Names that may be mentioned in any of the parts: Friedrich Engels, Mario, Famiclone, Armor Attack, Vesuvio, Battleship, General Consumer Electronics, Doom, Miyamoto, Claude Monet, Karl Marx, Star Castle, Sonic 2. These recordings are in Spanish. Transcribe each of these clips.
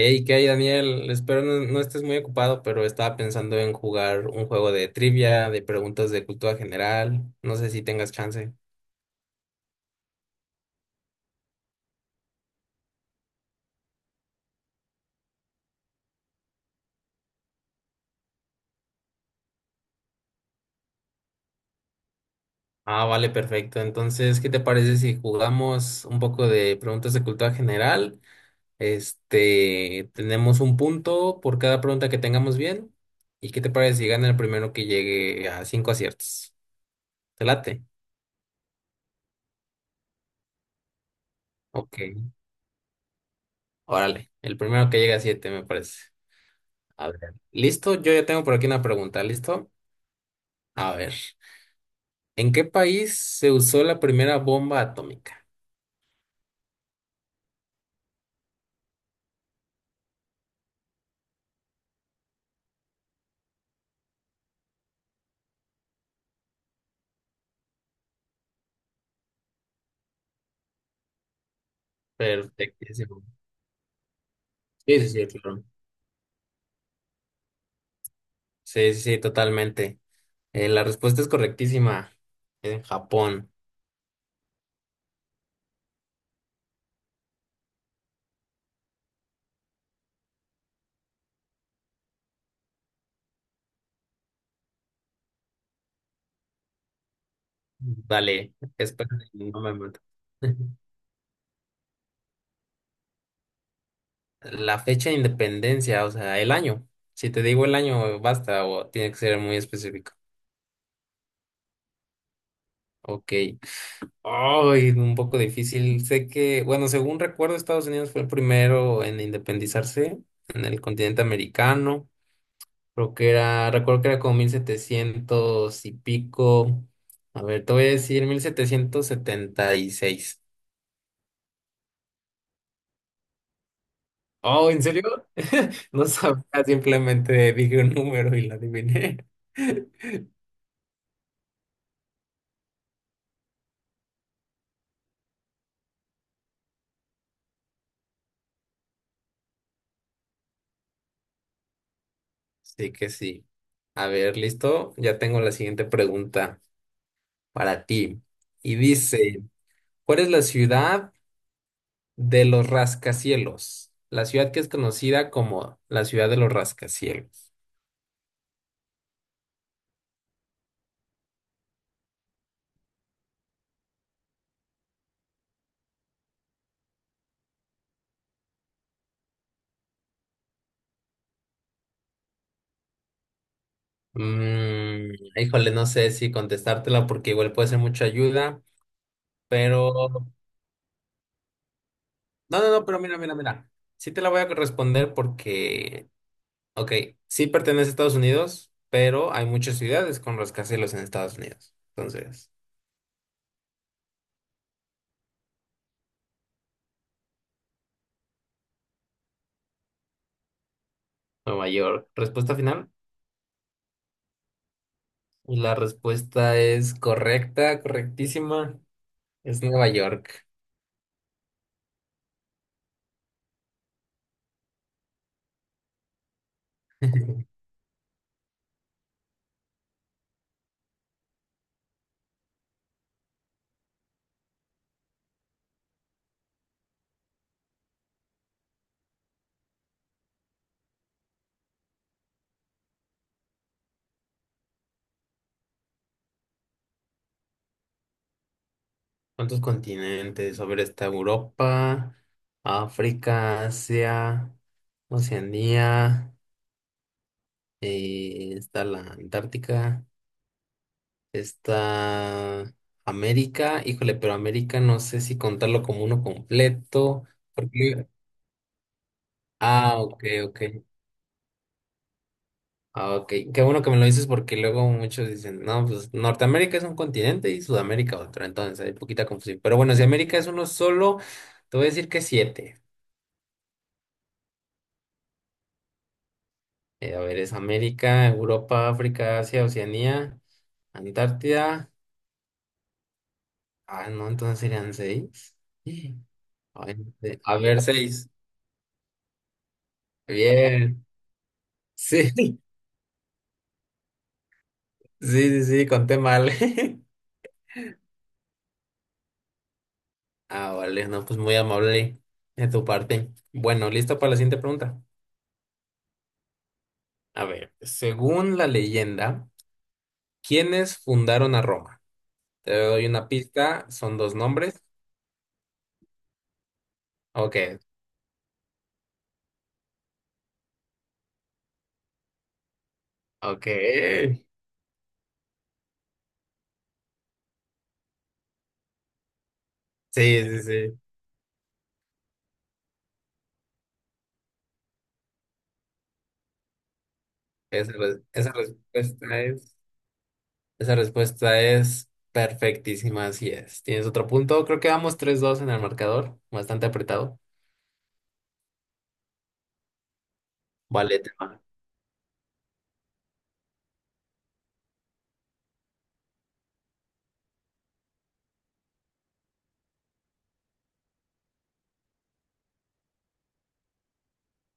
Hey, ¿qué hay, Daniel? Espero no estés muy ocupado, pero estaba pensando en jugar un juego de trivia, de preguntas de cultura general. No sé si tengas chance. Ah, vale, perfecto. Entonces, ¿qué te parece si jugamos un poco de preguntas de cultura general? Este, tenemos un punto por cada pregunta que tengamos bien. ¿Y qué te parece si gana el primero que llegue a cinco aciertos? ¿Te late? Ok, órale. El primero que llegue a siete, me parece. A ver. Listo, yo ya tengo por aquí una pregunta. ¿Listo? A ver, ¿en qué país se usó la primera bomba atómica? Perfectísimo. Sí, sí, sí, sí, claro. Sí, sí, sí, totalmente. La respuesta es correctísima. En Japón. Dale, espera, no me mato. La fecha de independencia, o sea, el año. Si te digo el año, basta, o tiene que ser muy específico. Ok. Ay, un poco difícil. Sé que, bueno, según recuerdo, Estados Unidos fue el primero en independizarse en el continente americano. Creo que era, recuerdo que era como 1700 y pico. A ver, te voy a decir 1776. Oh, ¿en serio? No sabía, simplemente dije un número y la adiviné. Sí que sí. A ver, listo. Ya tengo la siguiente pregunta para ti. Y dice, ¿cuál es la ciudad de los rascacielos? La ciudad que es conocida como la ciudad de los rascacielos. Híjole, no sé si contestártela porque igual puede ser mucha ayuda, pero... No, no, no, pero mira, mira, mira. Sí te la voy a responder porque, ok, sí pertenece a Estados Unidos, pero hay muchas ciudades con rascacielos en Estados Unidos. Entonces, Nueva York. Respuesta final. Y la respuesta es correcta, correctísima. Es Nueva York. ¿Cuántos continentes? A ver, está Europa, África, Asia, Oceanía. Está la Antártica, está América, híjole, pero América no sé si contarlo como uno completo, porque... Ah, ok, ok. Ah, ok, qué bueno que me lo dices porque luego muchos dicen, no, pues Norteamérica es un continente y Sudamérica otro, entonces hay poquita confusión. Pero bueno, si América es uno solo, te voy a decir que siete. A ver, es América, Europa, África, Asia, Oceanía, Antártida. Ah, no, entonces serían seis. Ay, sí. A ver, seis. Bien. Sí, sí, sí, sí, conté mal. Ah, vale, no, pues muy amable de tu parte. Bueno, listo para la siguiente pregunta. A ver, según la leyenda, ¿quiénes fundaron a Roma? Te doy una pista, son dos nombres. Ok, ok. Sí, sí, sí. Esa, re- esa respuesta es, esa respuesta es perfectísima, así es. ¿Tienes otro punto? Creo que vamos 3-2 en el marcador, bastante apretado. Vale, te va.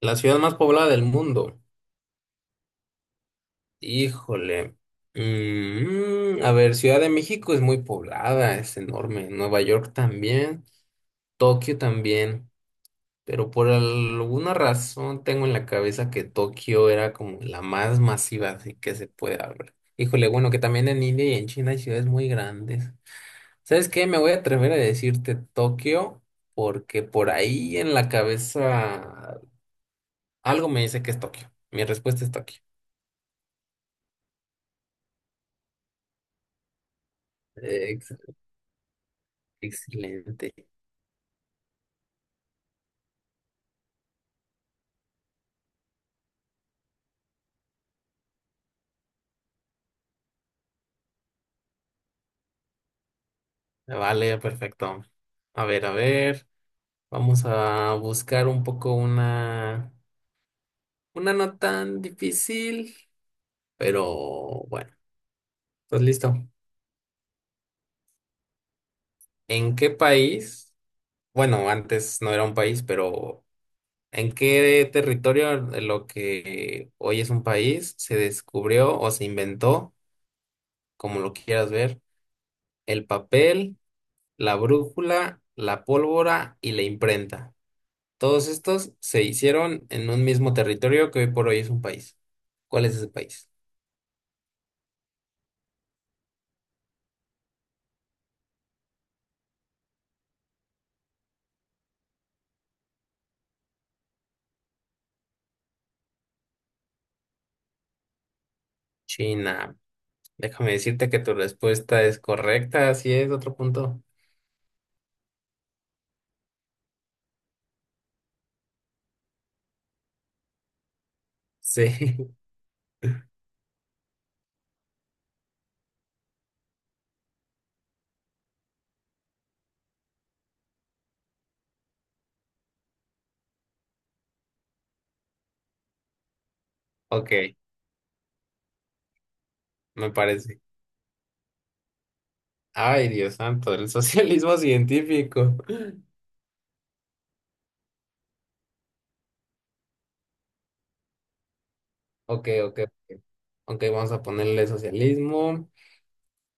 La ciudad más poblada del mundo. Híjole. A ver, Ciudad de México es muy poblada, es enorme. Nueva York también, Tokio también. Pero por alguna razón tengo en la cabeza que Tokio era como la más masiva, así que se puede hablar. Híjole, bueno, que también en India y en China hay ciudades muy grandes. ¿Sabes qué? Me voy a atrever a decirte Tokio porque por ahí en la cabeza algo me dice que es Tokio. Mi respuesta es Tokio. Ex- Excelente. Vale, perfecto. A ver, a ver. Vamos a buscar un poco una no tan difícil, pero bueno, ¿estás listo? ¿En qué país? Bueno, antes no era un país, pero ¿en qué territorio de lo que hoy es un país se descubrió o se inventó, como lo quieras ver, el papel, la brújula, la pólvora y la imprenta? Todos estos se hicieron en un mismo territorio que hoy por hoy es un país. ¿Cuál es ese país? China. Déjame decirte que tu respuesta es correcta, así es, otro punto. Sí, ok, me parece. Ay, Dios santo, el socialismo científico. Ok, ok, ok. Ok, vamos a ponerle socialismo.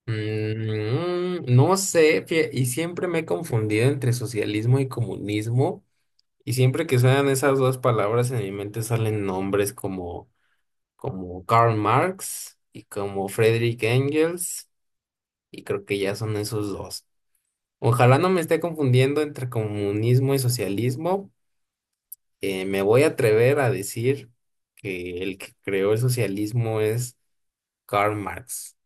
No sé, y siempre me he confundido entre socialismo y comunismo, y siempre que suenan esas dos palabras en mi mente salen nombres como Karl Marx y como Friedrich Engels, y creo que ya son esos dos. Ojalá no me esté confundiendo entre comunismo y socialismo. Me voy a atrever a decir que el que creó el socialismo es Karl Marx.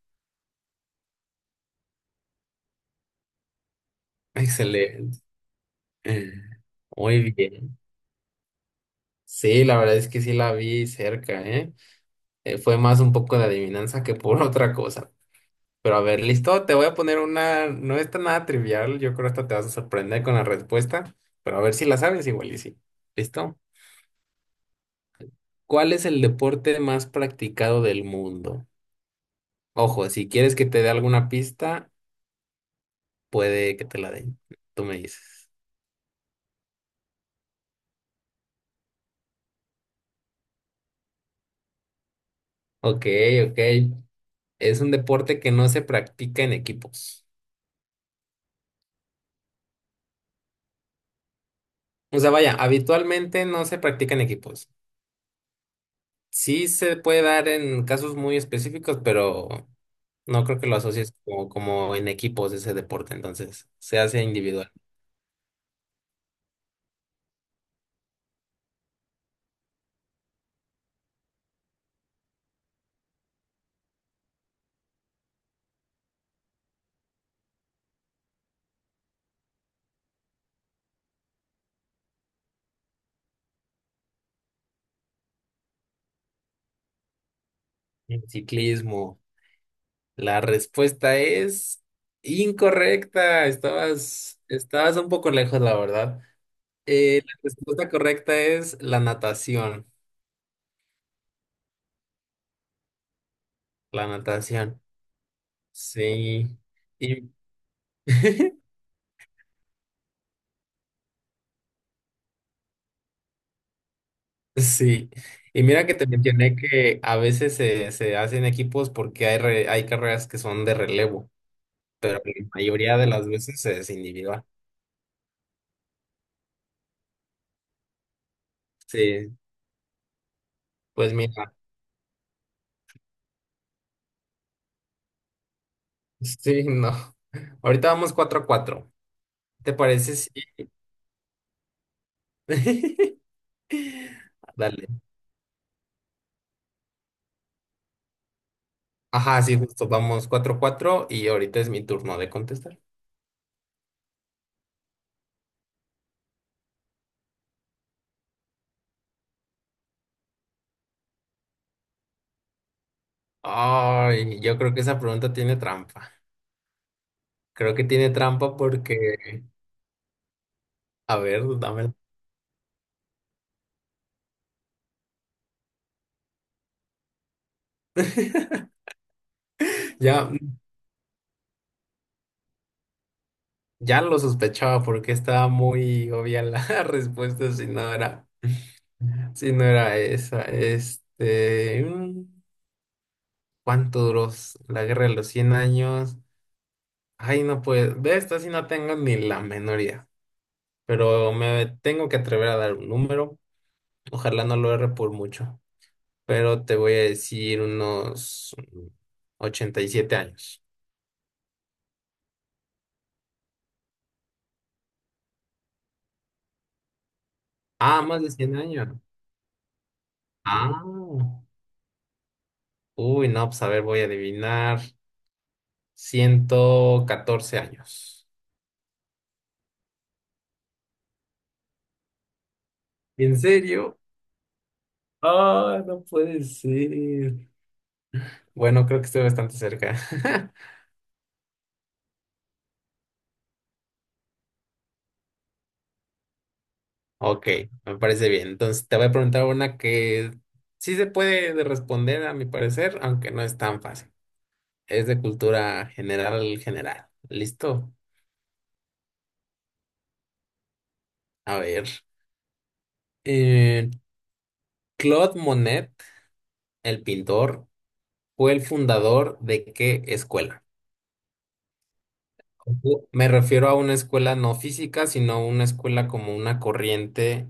Excelente. Muy bien. Sí, la verdad es que sí la vi cerca, ¿eh? Fue más un poco de adivinanza que por otra cosa. Pero a ver, listo, te voy a poner una, no está nada trivial, yo creo que esta te vas a sorprender con la respuesta, pero a ver si la sabes igual y sí. ¿Listo? ¿Cuál es el deporte más practicado del mundo? Ojo, si quieres que te dé alguna pista, puede que te la den. Tú me dices. Ok, ok. Es un deporte que no se practica en equipos. O sea, vaya, habitualmente no se practica en equipos. Sí se puede dar en casos muy específicos, pero no creo que lo asocies como, como en equipos ese deporte, entonces se hace individual. En ciclismo, la respuesta es incorrecta. Estabas un poco lejos, la verdad. La respuesta correcta es la natación. La natación. Sí. Y sí. Y mira que te mencioné que a veces se hacen equipos porque hay carreras que son de relevo. La mayoría de las veces es individual. Sí. Pues mira. Sí, no. Ahorita vamos 4-4. ¿Te parece sí? Dale. Ajá, sí, justo. Vamos 4 a 4 y ahorita es mi turno de contestar. Ay, yo creo que esa pregunta tiene trampa. Creo que tiene trampa porque... A ver, dame. Ya, ya lo sospechaba porque estaba muy obvia la respuesta si no era, si no era esa. Este, ¿cuánto duró la guerra de los 100 años? Ay, no pues, de esta sí no tengo ni la menor idea, pero me tengo que atrever a dar un número, ojalá no lo erre por mucho, pero te voy a decir unos 87 años. Ah, más de 100 años. Ah, uy, no, pues a ver, voy a adivinar 114 años. ¿En serio? Ah, no puede ser. Bueno, creo que estoy bastante cerca. Ok, me parece bien. Entonces te voy a preguntar una que sí se puede de responder a mi parecer, aunque no es tan fácil. Es de cultura general, general. ¿Listo? A ver. eh, Claude Monet, el pintor, ¿fue el fundador de qué escuela? Ojo, me refiero a una escuela no física, sino una escuela como una corriente,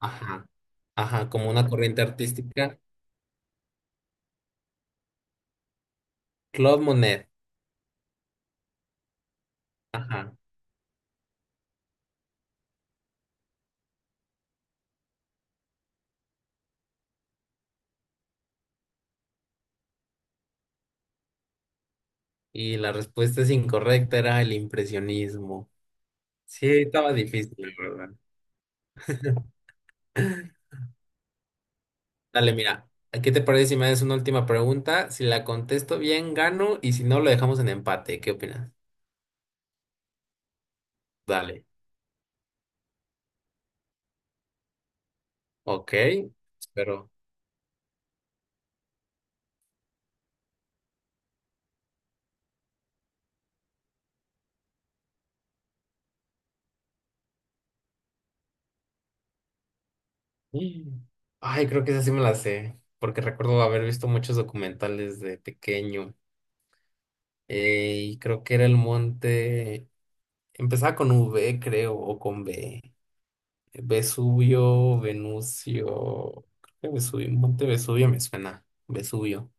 ajá, ajá, como una corriente artística. Claude Monet, ajá. Y la respuesta es incorrecta, era el impresionismo. Sí, estaba difícil, la verdad. Dale, mira, ¿a ¿qué te parece si me haces una última pregunta? Si la contesto bien, gano, y si no, lo dejamos en empate. ¿Qué opinas? Dale. Ok, espero. Mm. Ay, creo que esa sí me la sé, porque recuerdo haber visto muchos documentales de pequeño. Y creo que era el monte. Empezaba con V, creo, o con B. Vesubio, Venusio, creo que Vesubio, Monte Vesubio me suena. Vesubio.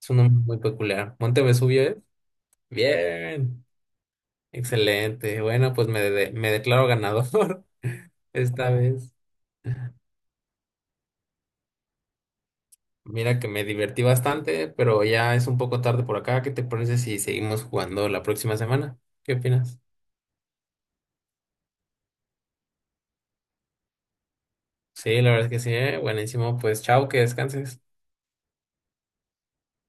Es un nombre muy peculiar. Monte Vesubio es. Bien. Excelente. Bueno, pues me, me declaro ganador esta vez. Mira que me divertí bastante, pero ya es un poco tarde por acá. ¿Qué te parece si seguimos jugando la próxima semana? ¿Qué opinas? Sí, la verdad es que sí, buenísimo. Pues chao, que descanses.